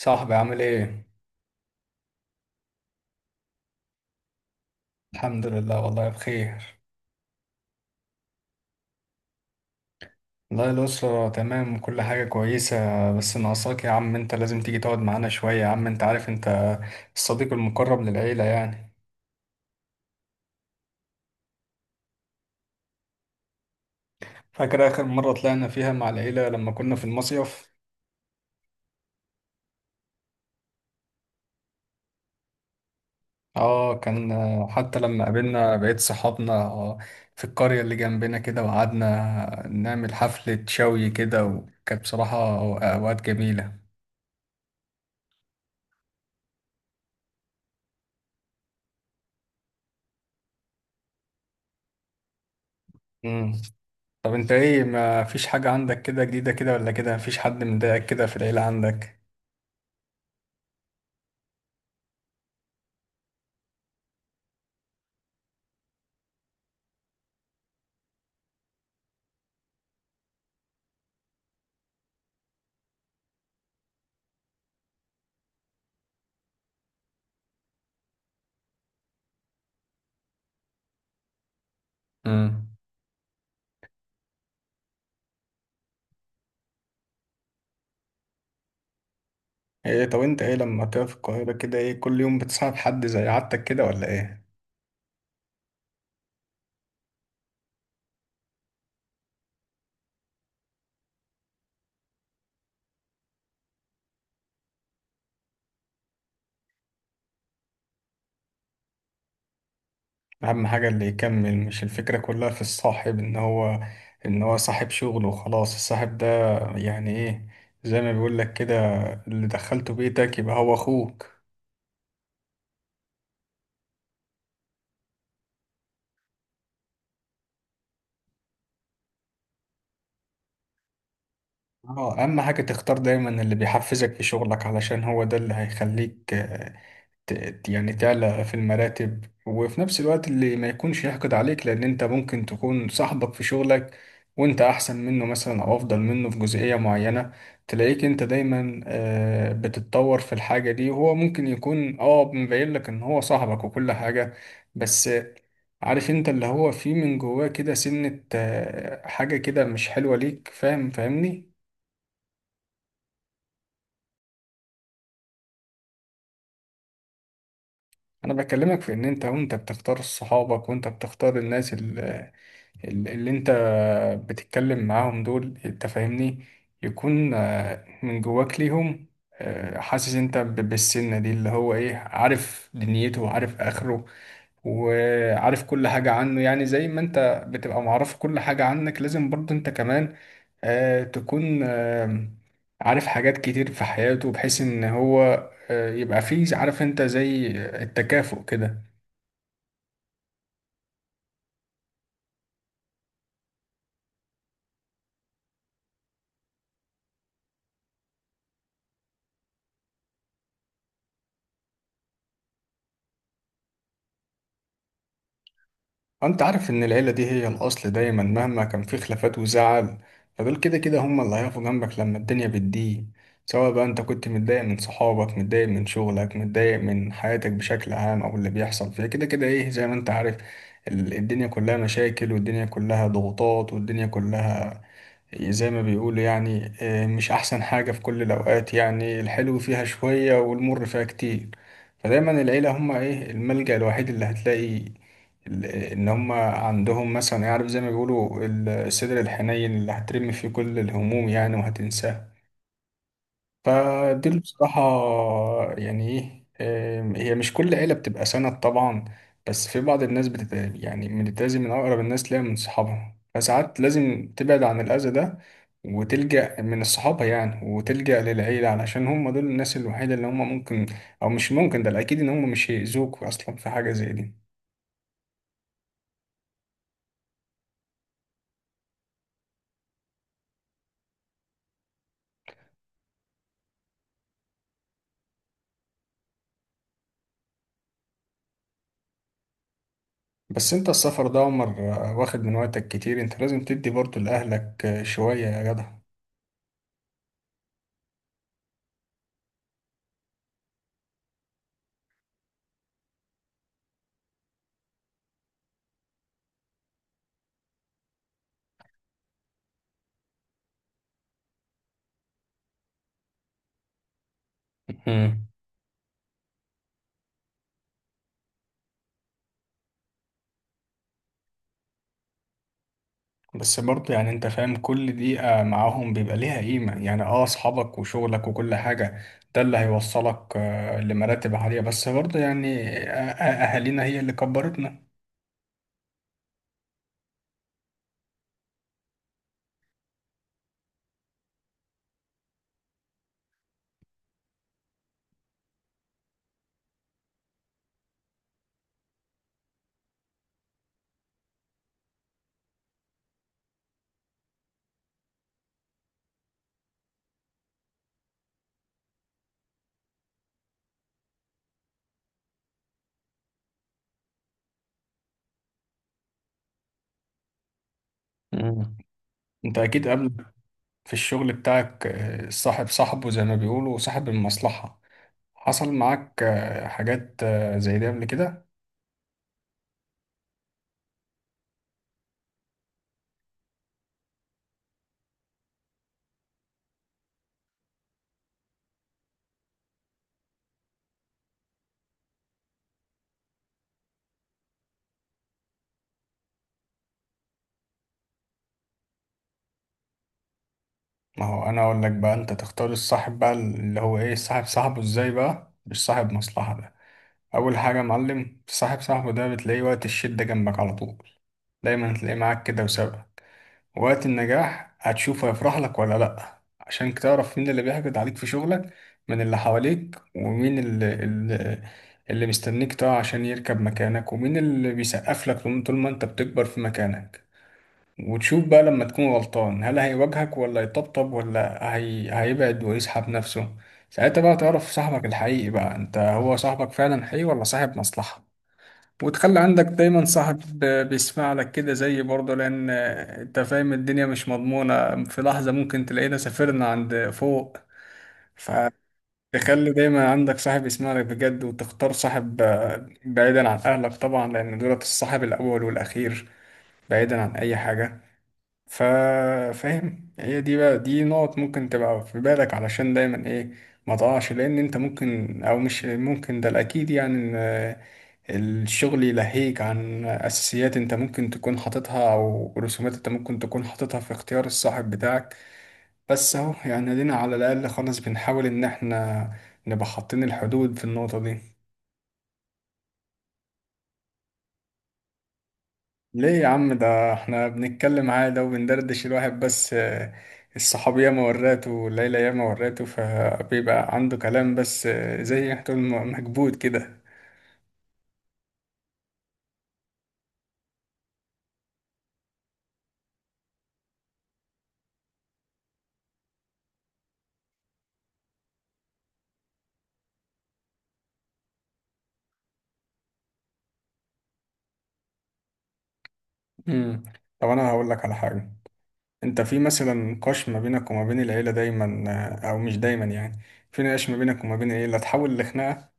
صاحبي عامل ايه؟ الحمد لله والله بخير. والله الأسرة تمام وكل حاجة كويسة. بس ناقصاك يا عم، انت لازم تيجي تقعد معانا شوية يا عم، انت عارف انت الصديق المقرب للعيلة يعني. فاكر آخر مرة طلعنا فيها مع العيلة لما كنا في المصيف؟ اه كان. حتى لما قابلنا بقية صحابنا في القرية اللي جنبنا كده، وقعدنا نعمل حفلة شوي كده، وكانت بصراحة أوقات جميلة. طب انت ايه، ما فيش حاجة عندك كده جديدة كده ولا كده؟ مفيش حد مضايقك كده في العيلة عندك؟ امم. ايه طب انت ايه لما كده في القاهرة كده، ايه كل يوم بتصاحب حد زي عادتك كده ولا ايه؟ اهم حاجة اللي يكمل، مش الفكرة كلها في الصاحب ان هو ان هو صاحب شغل وخلاص، الصاحب ده يعني ايه؟ زي ما بيقول لك كده، اللي دخلته بيتك يبقى هو اخوك. اه، اهم حاجة تختار دايما اللي بيحفزك في شغلك، علشان هو ده اللي هيخليك يعني تعلى في المراتب، وفي نفس الوقت اللي ما يكونش يحقد عليك، لان انت ممكن تكون صاحبك في شغلك وانت احسن منه مثلا او افضل منه في جزئية معينة، تلاقيك انت دايما بتتطور في الحاجة دي، وهو ممكن يكون اه مبين لك ان هو صاحبك وكل حاجة. بس عارف انت اللي هو فيه من جواه كده، سنة حاجة كده مش حلوة ليك، فاهم فاهمني؟ انا بكلمك في ان انت وانت بتختار صحابك وانت بتختار الناس اللي انت بتتكلم معاهم دول، انت فاهمني، يكون من جواك ليهم حاسس انت بالسنة دي اللي هو ايه، عارف دنيته وعارف اخره وعارف كل حاجة عنه، يعني زي ما انت بتبقى معرف كل حاجة عنك، لازم برضه انت كمان تكون عارف حاجات كتير في حياته، بحيث ان هو يبقى فيه، عارف انت زي التكافؤ كده. انت عارف ان العيلة دي هي الاصل دايما مهما كان في خلافات وزعل. فدول كده كده هم اللي هيقفوا جنبك لما الدنيا بتضيق، سواء بقى انت كنت متضايق من صحابك، متضايق من شغلك، متضايق من حياتك بشكل عام، او اللي بيحصل فيها كده كده ايه زي ما انت عارف. الدنيا كلها مشاكل، والدنيا كلها ضغوطات، والدنيا كلها زي ما بيقولوا يعني مش أحسن حاجة في كل الأوقات، يعني الحلو فيها شوية والمر فيها كتير. فدايما العيلة هما إيه الملجأ الوحيد اللي هتلاقي إن هما عندهم، مثلا يعرف زي ما بيقولوا الصدر الحنين اللي هترمي فيه كل الهموم يعني وهتنساها. فدي اللي بصراحة يعني ايه. هي مش كل عيلة بتبقى سند طبعا، بس في بعض الناس بتتأذي من أقرب الناس ليها من صحابها، فساعات لازم تبعد عن الأذى ده وتلجأ من الصحابة يعني، وتلجأ للعيلة علشان هم دول الناس الوحيدة اللي هم ممكن، أو مش ممكن ده الأكيد، إن هم مش هيأذوك أصلا في حاجة زي دي. بس أنت السفر ده يا عمر واخد من وقتك كتير، أنت لازم تدي برضه لأهلك شوية يا جدع. بس برضه يعني انت فاهم، كل دقيقة معاهم بيبقى ليها قيمة، يعني اه اصحابك وشغلك وكل حاجة ده اللي هيوصلك لمراتب عالية، بس برضه يعني اهالينا هي اللي كبرتنا. مم. انت اكيد قبل، في الشغل بتاعك صاحب صاحبه زي ما بيقولوا وصاحب المصلحة، حصل معاك حاجات زي دي قبل كده؟ ما هو انا اقول لك بقى، انت تختار الصاحب بقى اللي هو ايه، صاحب صاحبه ازاي بقى، مش صاحب مصلحة ده. اول حاجه يا معلم، صاحب صاحبه ده بتلاقيه وقت الشده جنبك على طول، دايما هتلاقيه معاك كده وسبب. وقت النجاح هتشوفه يفرح لك ولا لا، عشان تعرف مين اللي بيحقد عليك في شغلك من اللي حواليك، ومين اللي مستنيك تقع عشان يركب مكانك، ومين اللي بيسقف لك طول ما انت بتكبر في مكانك. وتشوف بقى لما تكون غلطان، هل هيواجهك ولا يطبطب، ولا هيبعد ويسحب نفسه. ساعتها بقى تعرف صاحبك الحقيقي بقى، انت هو صاحبك فعلا حقيقي ولا صاحب مصلحة. وتخلي عندك دايما صاحب بيسمع لك كده زي برضه، لأن أنت فاهم الدنيا مش مضمونة، في لحظة ممكن تلاقينا سافرنا عند فوق. فتخلي دايما عندك صاحب يسمع لك بجد، وتختار صاحب بعيدا عن أهلك طبعا، لأن دولت الصاحب الأول والأخير بعيدا عن أي حاجة. ف- فاهم، هي دي بقى، دي نقط ممكن تبقى في بالك، علشان دايما إيه، ما تقعش. لأن أنت ممكن أو مش ممكن ده الأكيد يعني الشغل يلهيك عن أساسيات أنت ممكن تكون حاططها، أو رسومات أنت ممكن تكون حاططها في اختيار الصاحب بتاعك. بس أهو يعني دينا على الأقل خالص بنحاول إن إحنا نبقى حاطين الحدود في النقطة دي. ليه يا عم؟ ده إحنا بنتكلم عادي وبندردش. الواحد بس الصحاب ياما وراته والليلة ياما وراته، فبيبقى عنده كلام بس زي ما تقول مكبوت كده. مم. طب أنا هقول لك على حاجة. انت في مثلا نقاش ما بينك وما بين العيلة دايما او مش دايما يعني، في نقاش ما بينك وما بين العيلة تحول لخناقة؟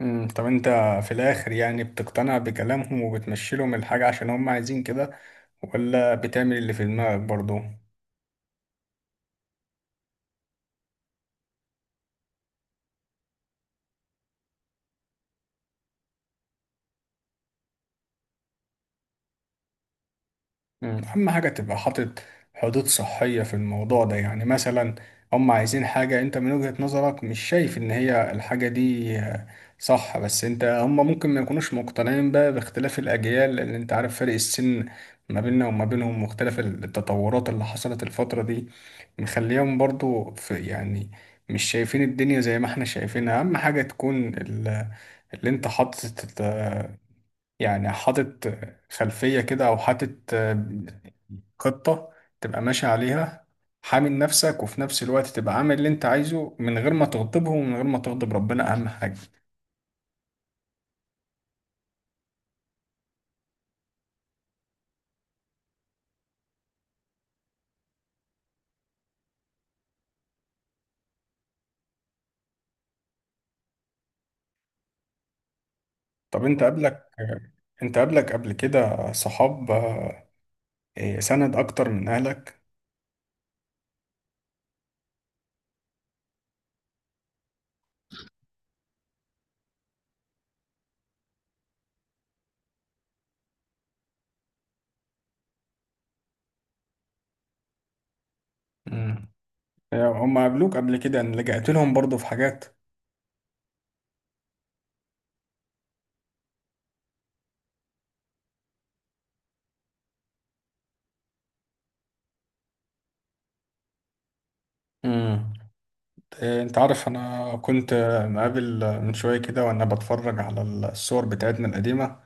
امم. طب انت في الاخر يعني بتقتنع بكلامهم وبتمشي لهم الحاجة عشان هم عايزين كده، ولا بتعمل اللي في دماغك برضو؟ مم. أهم حاجة تبقى حاطط حدود صحية في الموضوع ده. يعني مثلا هم عايزين حاجة أنت من وجهة نظرك مش شايف إن هي الحاجة دي صح، بس أنت هم ممكن ما يكونوش مقتنعين بقى باختلاف الأجيال، لأن أنت عارف فرق السن ما بيننا وما بينهم، واختلاف التطورات اللي حصلت الفترة دي مخليهم برضو في يعني مش شايفين الدنيا زي ما احنا شايفينها. أهم حاجة تكون اللي أنت حاطط، يعني حاطط خلفية كده، أو حاطط خطة تبقى ماشي عليها، حامل نفسك وفي نفس الوقت تبقى عامل اللي أنت عايزه، من غير ما تغضبهم ومن غير ما تغضب ربنا أهم حاجة. طب أنت قبلك، قبل كده صحاب إيه، سند أكتر من أهلك؟ مم. يعني هم قابلوك قبل كده إن لجأت لهم برضه في حاجات؟ مم. إيه، انت عارف انا كنت مقابل من شوية كده وانا بتفرج على الصور بتاعتنا القديمة،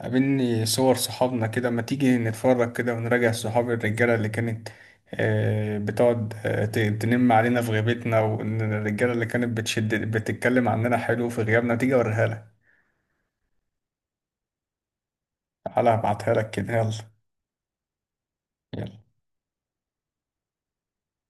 قابلني صور صحابنا كده، ما تيجي نتفرج كده ونراجع صحاب الرجالة اللي كانت بتقعد تنم علينا في غيبتنا، والرجالة اللي كانت بتشد بتتكلم عننا حلو في غيابنا؟ تيجي اوريها لك. تعالى هبعتها لك كده، يلا. يلا.